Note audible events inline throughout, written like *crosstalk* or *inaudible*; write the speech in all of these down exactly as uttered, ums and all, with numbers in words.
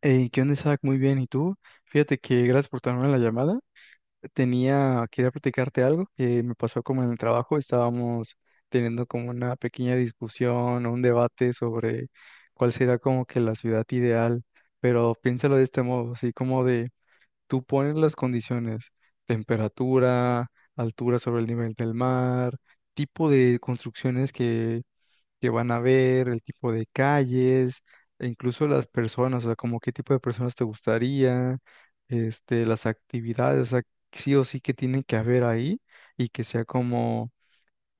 Hey, ¿qué onda, Isaac? Muy bien. ¿Y tú? Fíjate que gracias por tomarme la llamada. Tenía, quería platicarte algo que me pasó como en el trabajo. Estábamos teniendo como una pequeña discusión o un debate sobre cuál será como que la ciudad ideal. Pero piénsalo de este modo, así como de tú pones las condiciones, temperatura, altura sobre el nivel del mar, tipo de construcciones que van a ver, el tipo de calles, e incluso las personas, o sea, como qué tipo de personas te gustaría, este, las actividades, o sea, sí o sí que tienen que haber ahí y que sea como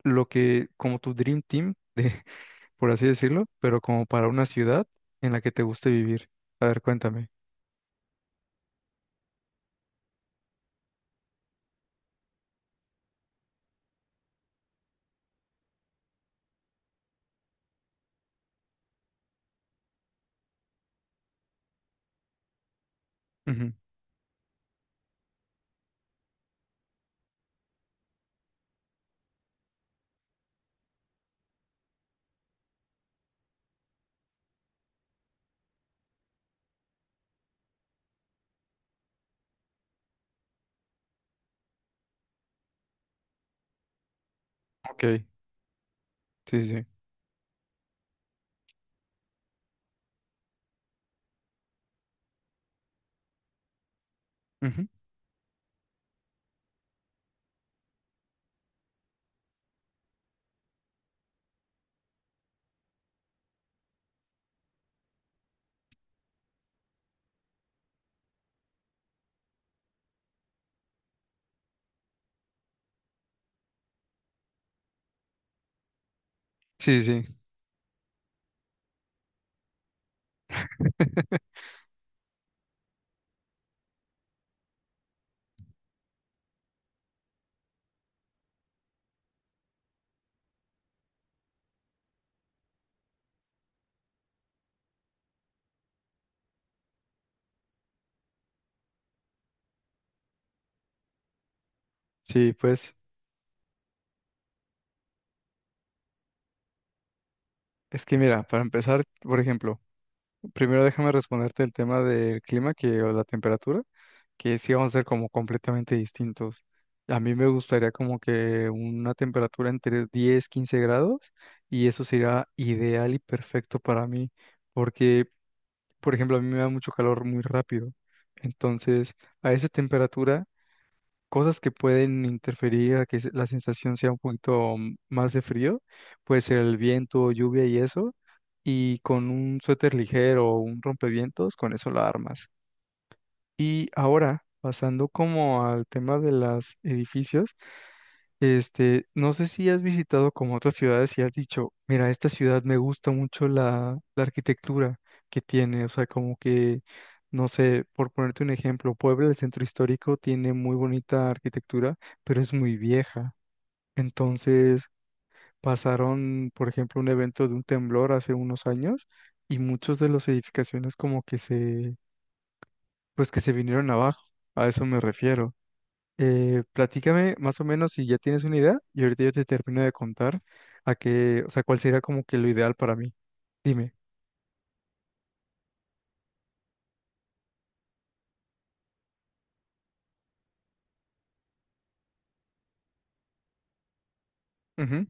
lo que, como tu dream team, de, *laughs* por así decirlo, pero como para una ciudad en la que te guste vivir. A ver, cuéntame. Ujú. Ok, sí, sí. Ujú. Sí, sí. Sí. *laughs* Pues es que mira, para empezar, por ejemplo, primero déjame responderte el tema del clima que, o la temperatura. Que sí vamos a ser como completamente distintos. A mí me gustaría como que una temperatura entre diez quince grados y eso sería ideal y perfecto para mí, porque, por ejemplo, a mí me da mucho calor muy rápido. Entonces, a esa temperatura, cosas que pueden interferir a que se- la sensación sea un poquito mm, más de frío, puede ser el viento, lluvia y eso, y con un suéter ligero o un rompevientos, con eso la armas. Y ahora, pasando como al tema de los edificios, este, no sé si has visitado como otras ciudades y has dicho, mira, esta ciudad me gusta mucho la, la arquitectura que tiene, o sea, como que, no sé, por ponerte un ejemplo, Puebla, el centro histórico, tiene muy bonita arquitectura, pero es muy vieja. Entonces, pasaron, por ejemplo, un evento de un temblor hace unos años y muchos de las edificaciones como que se, pues que se vinieron abajo, a eso me refiero. Eh, platícame más o menos si ya tienes una idea y ahorita yo te termino de contar a qué, o sea, cuál sería como que lo ideal para mí. Dime. Ujú.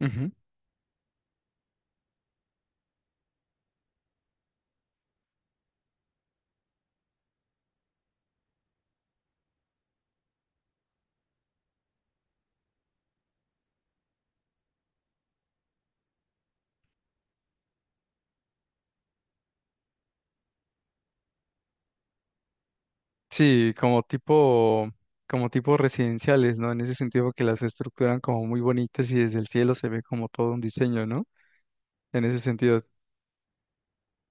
Ujú. Sí, como tipo, como tipo residenciales, ¿no? En ese sentido que las estructuran como muy bonitas y desde el cielo se ve como todo un diseño, ¿no? En ese sentido,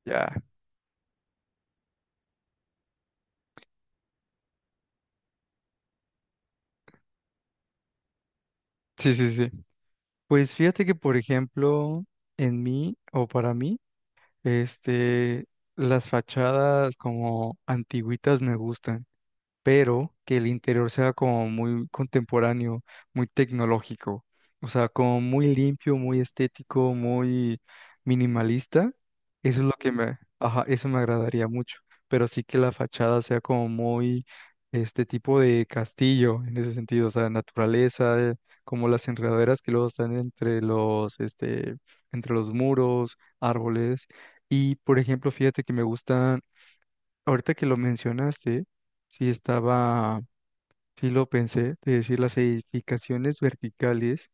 ya. Sí, sí, sí. Pues fíjate que, por ejemplo, en mí o para mí, este, las fachadas como antiguitas me gustan. Pero que el interior sea como muy contemporáneo, muy tecnológico, o sea, como muy limpio, muy estético, muy minimalista. Eso es lo que me, Ajá, eso me agradaría mucho, pero sí que la fachada sea como muy este tipo de castillo en ese sentido, o sea, naturaleza, eh, como las enredaderas que luego están entre los, este, entre los muros, árboles. Y, por ejemplo, fíjate que me gustan Ahorita que lo mencionaste, sí estaba, sí lo pensé, de decir las edificaciones verticales,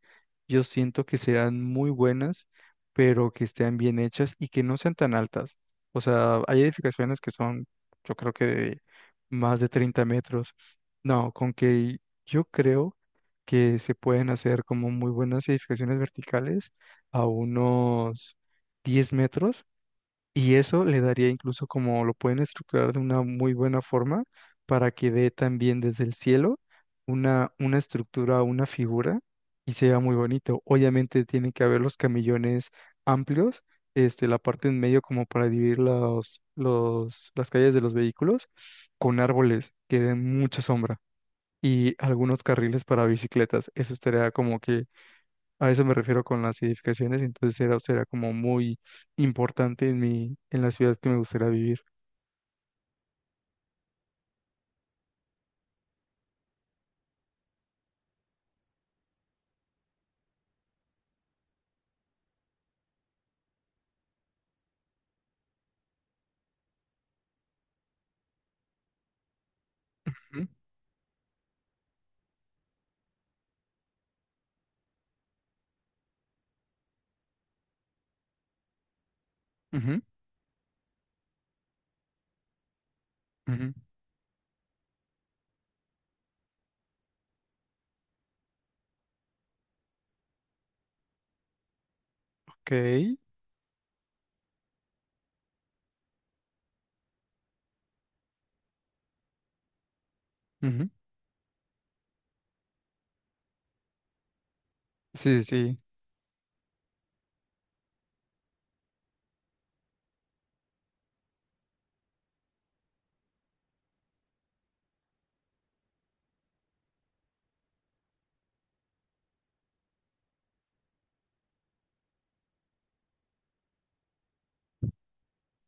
yo siento que serán muy buenas, pero que estén bien hechas y que no sean tan altas. O sea, hay edificaciones que son, yo creo que de más de treinta metros. No, con que yo creo que se pueden hacer como muy buenas edificaciones verticales a unos diez metros y eso le daría incluso como lo pueden estructurar de una muy buena forma para que dé también desde el cielo una, una estructura, una figura y sea muy bonito. Obviamente tienen que haber los camillones amplios, este, la parte en medio como para dividir los, los, las calles de los vehículos con árboles que den mucha sombra y algunos carriles para bicicletas. Eso estaría como que A eso me refiero con las edificaciones, entonces era, será como muy importante en mi, en la ciudad que me gustaría vivir. Ujú. Ujú. Ujú. Ok. Ujú. Sí, sí,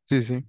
sí, sí.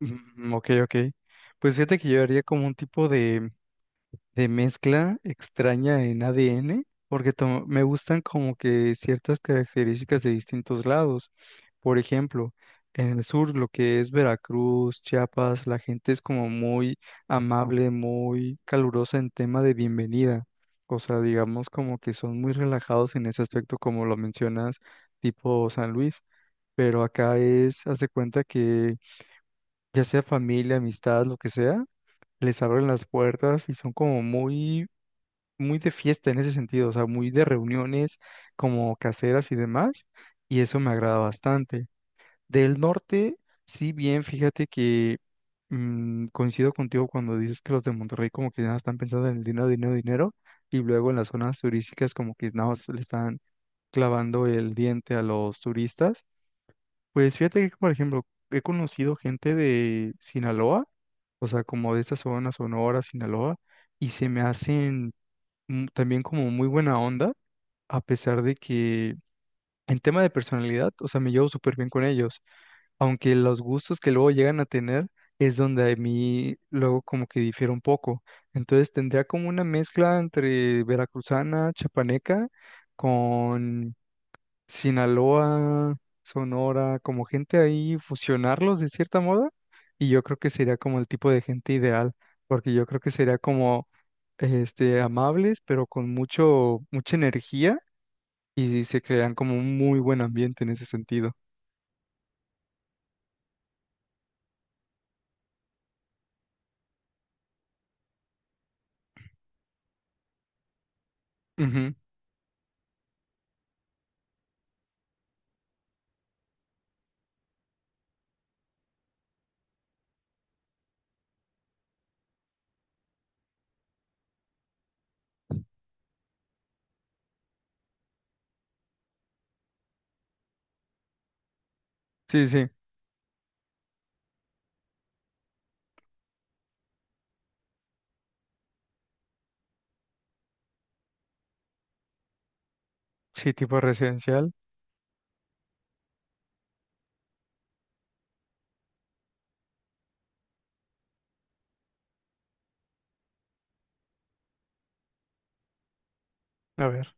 Mm, ok, ok. Pues fíjate que yo haría como un tipo de, de mezcla extraña en A D N, porque to- me gustan como que ciertas características de distintos lados. Por ejemplo, en el sur, lo que es Veracruz, Chiapas, la gente es como muy amable, muy calurosa en tema de bienvenida. O sea, digamos como que son muy relajados en ese aspecto, como lo mencionas, tipo San Luis. Pero acá es, hace cuenta que ya sea familia, amistad, lo que sea, les abren las puertas y son como muy, muy de fiesta en ese sentido, o sea, muy de reuniones como caseras y demás. Y eso me agrada bastante. Del norte, sí, bien, fíjate que mm, coincido contigo cuando dices que los de Monterrey como que nada están pensando en el dinero, dinero, dinero, y luego en las zonas turísticas como que nada más le están clavando el diente a los turistas. Pues fíjate que, por ejemplo, he conocido gente de Sinaloa, o sea, como de esta zona, Sonora, Sinaloa, y se me hacen mm, también como muy buena onda, a pesar de que en tema de personalidad, o sea, me llevo súper bien con ellos aunque los gustos que luego llegan a tener es donde a mí luego como que difiere un poco. Entonces tendría como una mezcla entre veracruzana, chapaneca, con Sinaloa, Sonora, como gente ahí, fusionarlos de cierta moda, y yo creo que sería como el tipo de gente ideal, porque yo creo que sería como este, amables, pero con mucho, mucha energía, y se crean como un muy buen ambiente en ese sentido. Ujú. Sí, sí. Sí, tipo residencial. A ver,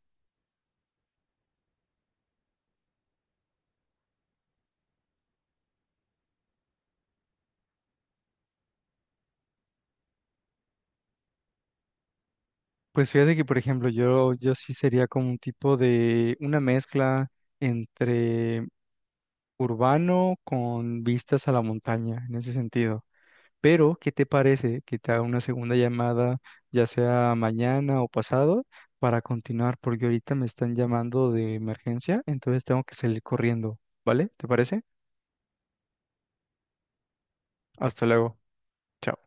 pues fíjate que, por ejemplo, yo, yo sí sería como un tipo de una mezcla entre urbano con vistas a la montaña, en ese sentido. Pero, ¿qué te parece que te haga una segunda llamada, ya sea mañana o pasado, para continuar? Porque ahorita me están llamando de emergencia, entonces tengo que salir corriendo, ¿vale? ¿Te parece? Hasta luego. Chao.